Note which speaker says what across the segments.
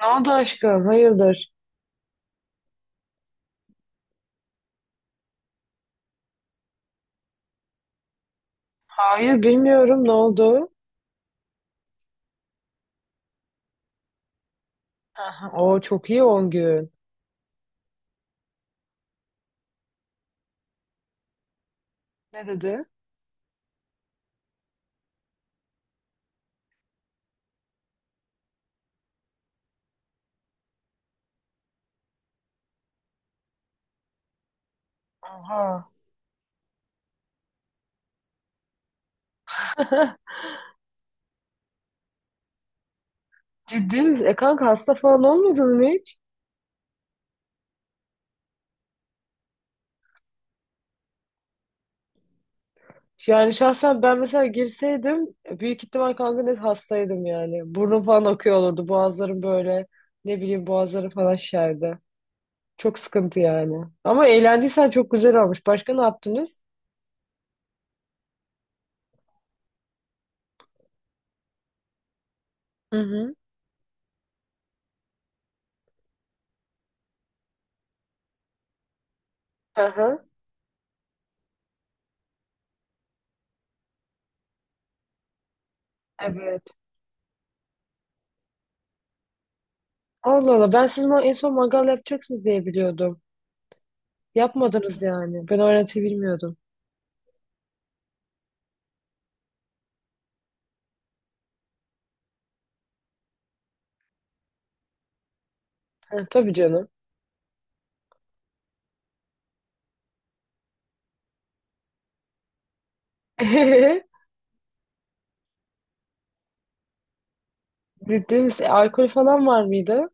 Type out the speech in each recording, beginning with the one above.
Speaker 1: Ne oldu aşkım? Hayırdır? Hayır bilmiyorum ne oldu? Aha, o çok iyi 10 gün. Ne dedi? Aha. Ciddi misin? E kanka hasta falan olmadın mı hiç? Yani şahsen ben mesela girseydim büyük ihtimal kanka net hastaydım yani. Burnum falan akıyor olurdu. Boğazlarım böyle ne bileyim boğazları falan şişerdi. Çok sıkıntı yani. Ama eğlendiysen çok güzel olmuş. Başka ne yaptınız? Hı hı. Aha. Evet. Allah Allah ben siz ma- en son mangal yapacaksınız diye biliyordum. Yapmadınız yani. Ben o öğretiyi bilmiyordum. Ha, tabii canım. Ciddi misin? Alkol falan var mıydı?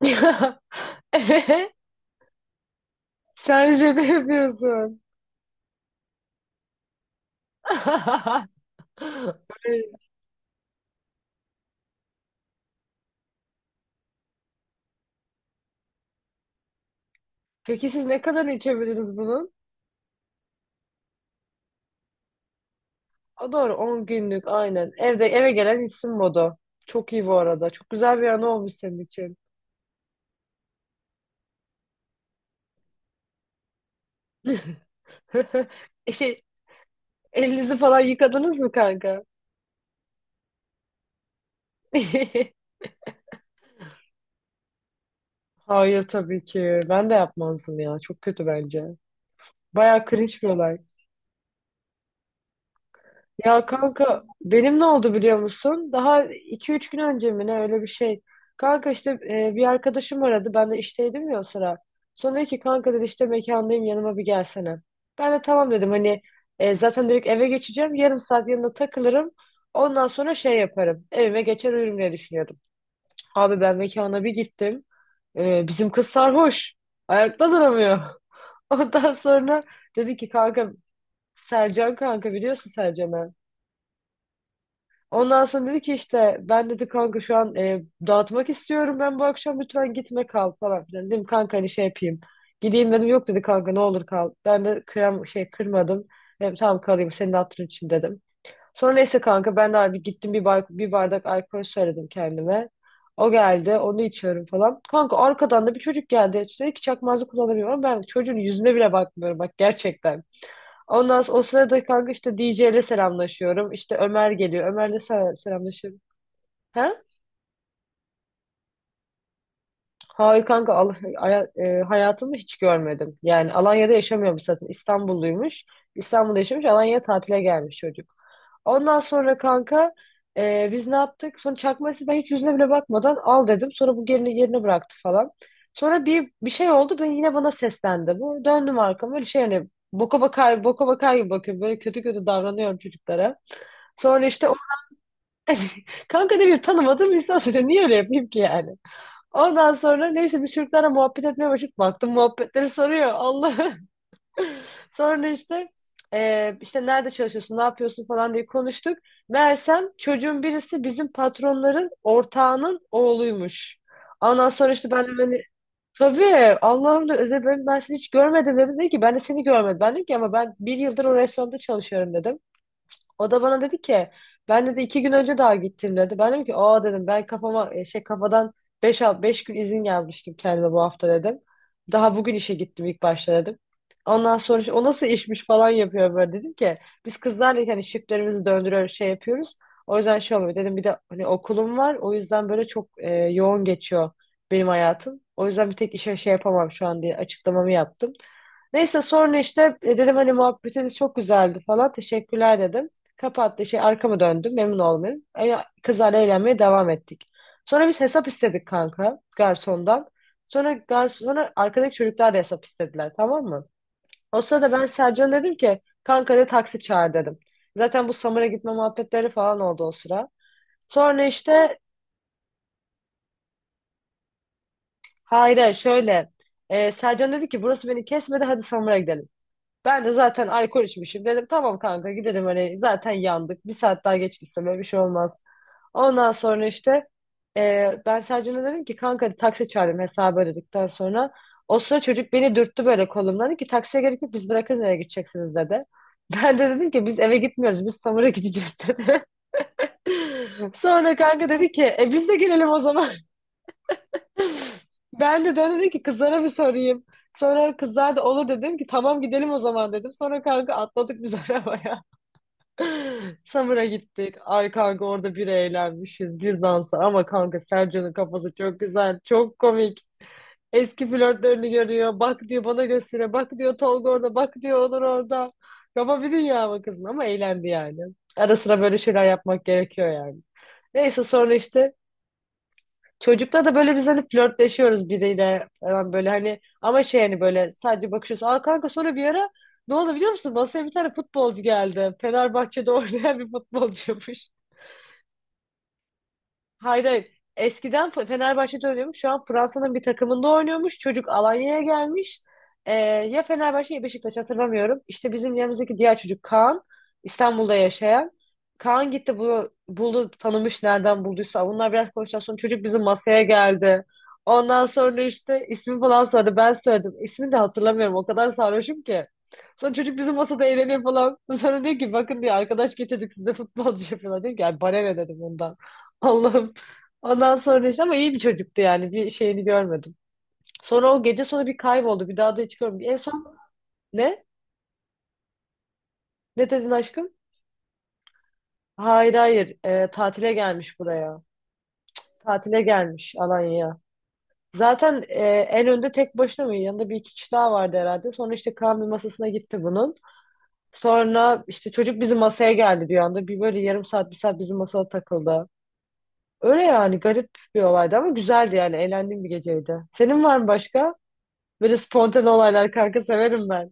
Speaker 1: Sen şaka yapıyorsun. Peki siz ne kadar içebildiniz bunun? O doğru on günlük aynen. Evde eve gelen içsin modu. Çok iyi bu arada. Çok güzel bir anı olmuş senin için. E şey, elinizi falan yıkadınız mı kanka? Hayır tabii ki. Ben de yapmazdım ya. Çok kötü bence. Bayağı cringe bir olay. Ya kanka benim ne oldu biliyor musun? Daha iki üç gün önce mi ne öyle bir şey. Kanka işte bir arkadaşım aradı. Ben de işteydim ya o sıra. Sonra dedi ki kanka dedi işte mekandayım yanıma bir gelsene. Ben de tamam dedim hani zaten direkt eve geçeceğim. Yarım saat yanında takılırım. Ondan sonra şey yaparım. Evime geçer uyurum diye düşünüyordum. Abi ben mekana bir gittim. E, bizim kız sarhoş. Ayakta duramıyor. Ondan sonra dedi ki kanka Sercan kanka biliyorsun Sercan'ı. Ondan sonra dedi ki işte ben dedi kanka şu an dağıtmak istiyorum ben bu akşam lütfen gitme kal falan filan. Dedim kanka hani şey yapayım. Gideyim dedim yok dedi kanka ne olur kal. Ben de kıyam şey kırmadım. Dedim tamam kalayım senin hatırın için dedim. Sonra neyse kanka ben de abi gittim bir, bay- bir bardak alkol söyledim kendime. O geldi onu içiyorum falan. Kanka arkadan da bir çocuk geldi. İşte dedi ki çakmazı kullanamıyorum. Ben çocuğun yüzüne bile bakmıyorum bak gerçekten. Ondan sonra o sırada kanka işte DJ ile selamlaşıyorum. İşte Ömer geliyor. Ömer'le sel- selamlaşıyorum. He? Hayır kanka Al aya- hayatımı hiç görmedim. Yani Alanya'da yaşamıyormuş zaten. İstanbulluymuş. İstanbul'da yaşamış. Alanya'ya tatile gelmiş çocuk. Ondan sonra kanka biz ne yaptık? Sonra çakması ben hiç yüzüne bile bakmadan al dedim. Sonra bu gelini yerine bıraktı falan. Sonra bir şey oldu. Ben yine bana seslendi bu. Döndüm arkama böyle şey hani boka bakar boka bakar gibi bakıyorum. Böyle kötü kötü davranıyorum çocuklara. Sonra işte o- kanka ne bileyim tanımadığım insan söylüyor. Niye öyle yapayım ki yani? Ondan sonra neyse biz Türklerle muhabbet etmeye başladık. Baktım muhabbetleri sarıyor. Allah. Sonra işte işte nerede çalışıyorsun, ne yapıyorsun falan diye konuştuk. Meğersem çocuğun birisi bizim patronların ortağının oğluymuş. Ondan sonra işte ben de böyle tabii Allah'ım da Özel ben seni hiç görmedim dedim. Dedi ki ben de seni görmedim. Ben dedim ki ama ben bir yıldır o restoranda çalışıyorum dedim. O da bana dedi ki ben dedi iki gün önce daha gittim dedi. Ben dedim ki aa dedim ben kafama şey kafadan 5 beş gün izin yazmıştım kendime bu hafta dedim. Daha bugün işe gittim ilk başta dedim. Ondan sonra işte, o nasıl işmiş falan yapıyor böyle dedim ki biz kızlarla hani shiftlerimizi döndürüyoruz şey yapıyoruz. O yüzden şey olmuyor dedim bir de hani okulum var o yüzden böyle çok yoğun geçiyor benim hayatım. O yüzden bir tek işe şey yapamam şu an diye açıklamamı yaptım. Neyse sonra işte dedim hani muhabbetiniz çok güzeldi falan. Teşekkürler dedim. Kapattı şey arkama döndüm. Memnun oldum. Yani kızlarla eğlenmeye devam ettik. Sonra biz hesap istedik kanka garsondan. Sonra garson, sonra arkadaki çocuklar da hesap istediler tamam mı? O sırada ben Sercan'a dedim ki kanka de taksi çağır dedim. Zaten bu Samur'a gitme muhabbetleri falan oldu o sıra. Sonra işte hayır şöyle Sercan dedi ki burası beni kesmedi hadi Samur'a gidelim. Ben de zaten alkol içmişim. Dedim tamam kanka gidelim hani zaten yandık. Bir saat daha geç gitsem öyle bir şey olmaz. Ondan sonra işte ben Sercan'a dedim ki kanka hadi taksi çağırayım hesabı ödedikten sonra. O sıra çocuk beni dürttü böyle kolumdan. Dedi ki taksiye gerek yok biz bırakırız nereye gideceksiniz dedi. Ben de dedim ki biz eve gitmiyoruz biz Samur'a gideceğiz dedi. Sonra kanka dedi ki biz de gelelim o zaman. Ben de döndüm ki kızlara bir sorayım. Sonra kızlar da olur dedim ki tamam gidelim o zaman dedim. Sonra kanka atladık biz arabaya. Samur'a gittik. Ay kanka orada bir eğlenmişiz bir dansa. Ama kanka Sercan'ın kafası çok güzel. Çok komik. Eski flörtlerini görüyor. Bak diyor bana göstere. Bak diyor Tolga orada. Bak diyor Onur orada. Kafa bir dünya mı kızın ama eğlendi yani. Ara sıra böyle şeyler yapmak gerekiyor yani. Neyse sonra işte çocukla da böyle biz hani flörtleşiyoruz biriyle falan böyle hani ama şey hani böyle sadece bakışıyoruz. Aa kanka sonra bir ara ne oldu biliyor musun? Masaya bir tane futbolcu geldi. Fenerbahçe'de oynayan bir futbolcuymuş. Hayır hayır. Eskiden Fe- Fenerbahçe'de oynuyormuş. Şu an Fransa'nın bir takımında oynuyormuş. Çocuk Alanya'ya gelmiş. Ya Fenerbahçe ya Beşiktaş hatırlamıyorum. İşte bizim yanımızdaki diğer çocuk Kaan. İstanbul'da yaşayan. Kaan gitti bunu buldu tanımış nereden bulduysa. Bunlar biraz konuştuktan sonra çocuk bizim masaya geldi. Ondan sonra işte ismi falan sordu. Ben söyledim. İsmini de hatırlamıyorum. O kadar sarhoşum ki. Sonra çocuk bizim masada eğleniyor falan. Sonra diyor ki bakın diyor arkadaş getirdik size futbolcu yapıyorlar. Diyor ki "Ay, bana ne dedim ondan. Allah'ım. Ondan sonra işte ama iyi bir çocuktu yani. Bir şeyini görmedim. Sonra o gece sonra bir kayboldu. Bir daha da hiç görmedim. En son ne? Ne dedin aşkım? Hayır hayır. Tatile gelmiş buraya. Tatile gelmiş Alanya'ya. Zaten en önde tek başına mı? Yanında bir iki kişi daha vardı herhalde. Sonra işte Kaan bir masasına gitti bunun. Sonra işte çocuk bizim masaya geldi bir anda. Bir böyle yarım saat bir saat bizim masada takıldı. Öyle yani garip bir olaydı ama güzeldi yani. Eğlendiğim bir geceydi. Senin var mı başka? Böyle spontane olaylar kanka severim ben.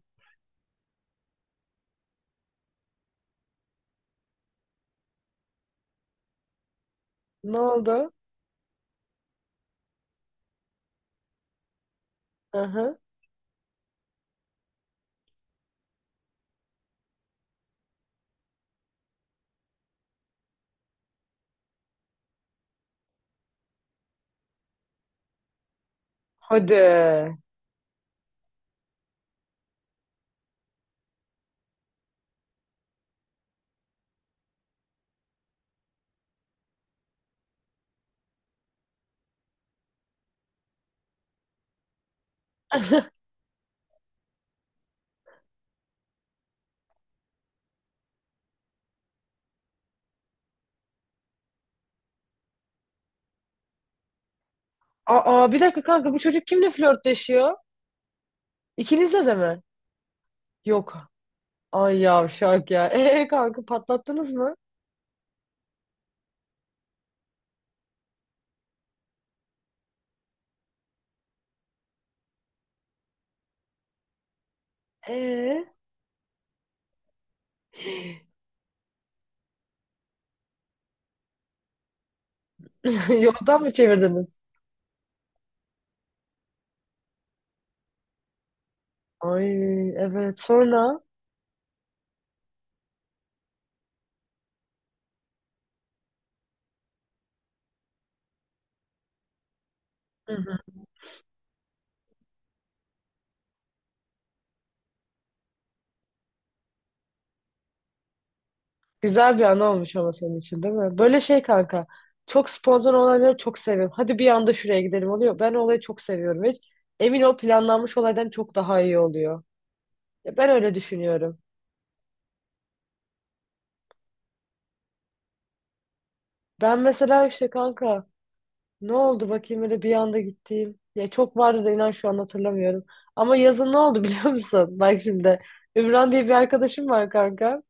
Speaker 1: Ne oldu? Aha. Hadi. Aa bir dakika kanka bu çocuk kimle flörtleşiyor? İkinizle de mi? Yok. Ay yavşak ya. Kanka patlattınız mı? Ee? Yoldan mı çevirdiniz? Ay evet sonra. Hı hı. Güzel bir an olmuş ama senin için değil mi? Böyle şey kanka. Çok spontan olayları çok seviyorum. Hadi bir anda şuraya gidelim oluyor. Ben o olayı çok seviyorum. Hiç. Emin ol planlanmış olaydan çok daha iyi oluyor. Ya ben öyle düşünüyorum. Ben mesela işte kanka ne oldu bakayım öyle bir anda gittiğim. Ya çok vardı da inan şu an hatırlamıyorum. Ama yazın ne oldu biliyor musun? Bak şimdi Ümran diye bir arkadaşım var kanka.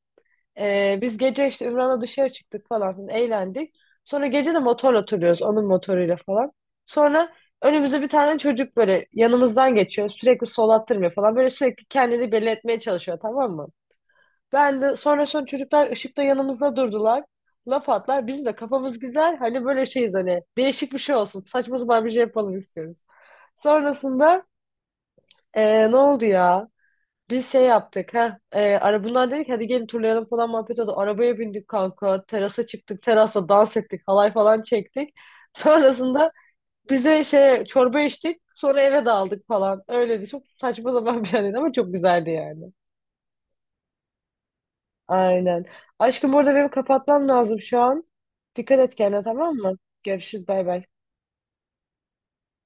Speaker 1: Biz gece işte Ümran'la dışarı çıktık falan filan, eğlendik. Sonra gece de motorla oturuyoruz onun motoruyla falan. Sonra önümüze bir tane çocuk böyle yanımızdan geçiyor. Sürekli sol attırmıyor falan. Böyle sürekli kendini belli etmeye çalışıyor tamam mı? Ben de sonra çocuklar ışıkta yanımızda durdular. Laf atlar. Bizim de kafamız güzel. Hani böyle şeyiz hani. Değişik bir şey olsun. Saçma sapan bir şey yapalım istiyoruz. Sonrasında ne oldu ya? Bir şey yaptık. Heh, ara bunlar dedik hadi gelin turlayalım falan muhabbet oldu. Arabaya bindik kanka. Terasa çıktık. Terasta dans ettik. Halay falan çektik. Sonrasında bize şey çorba içtik. Sonra eve dağıldık falan. Öyleydi. Çok saçma zaman bir anıydı ama çok güzeldi yani. Aynen. Aşkım burada benim kapatmam lazım şu an. Dikkat et kendine tamam mı? Görüşürüz bay bay.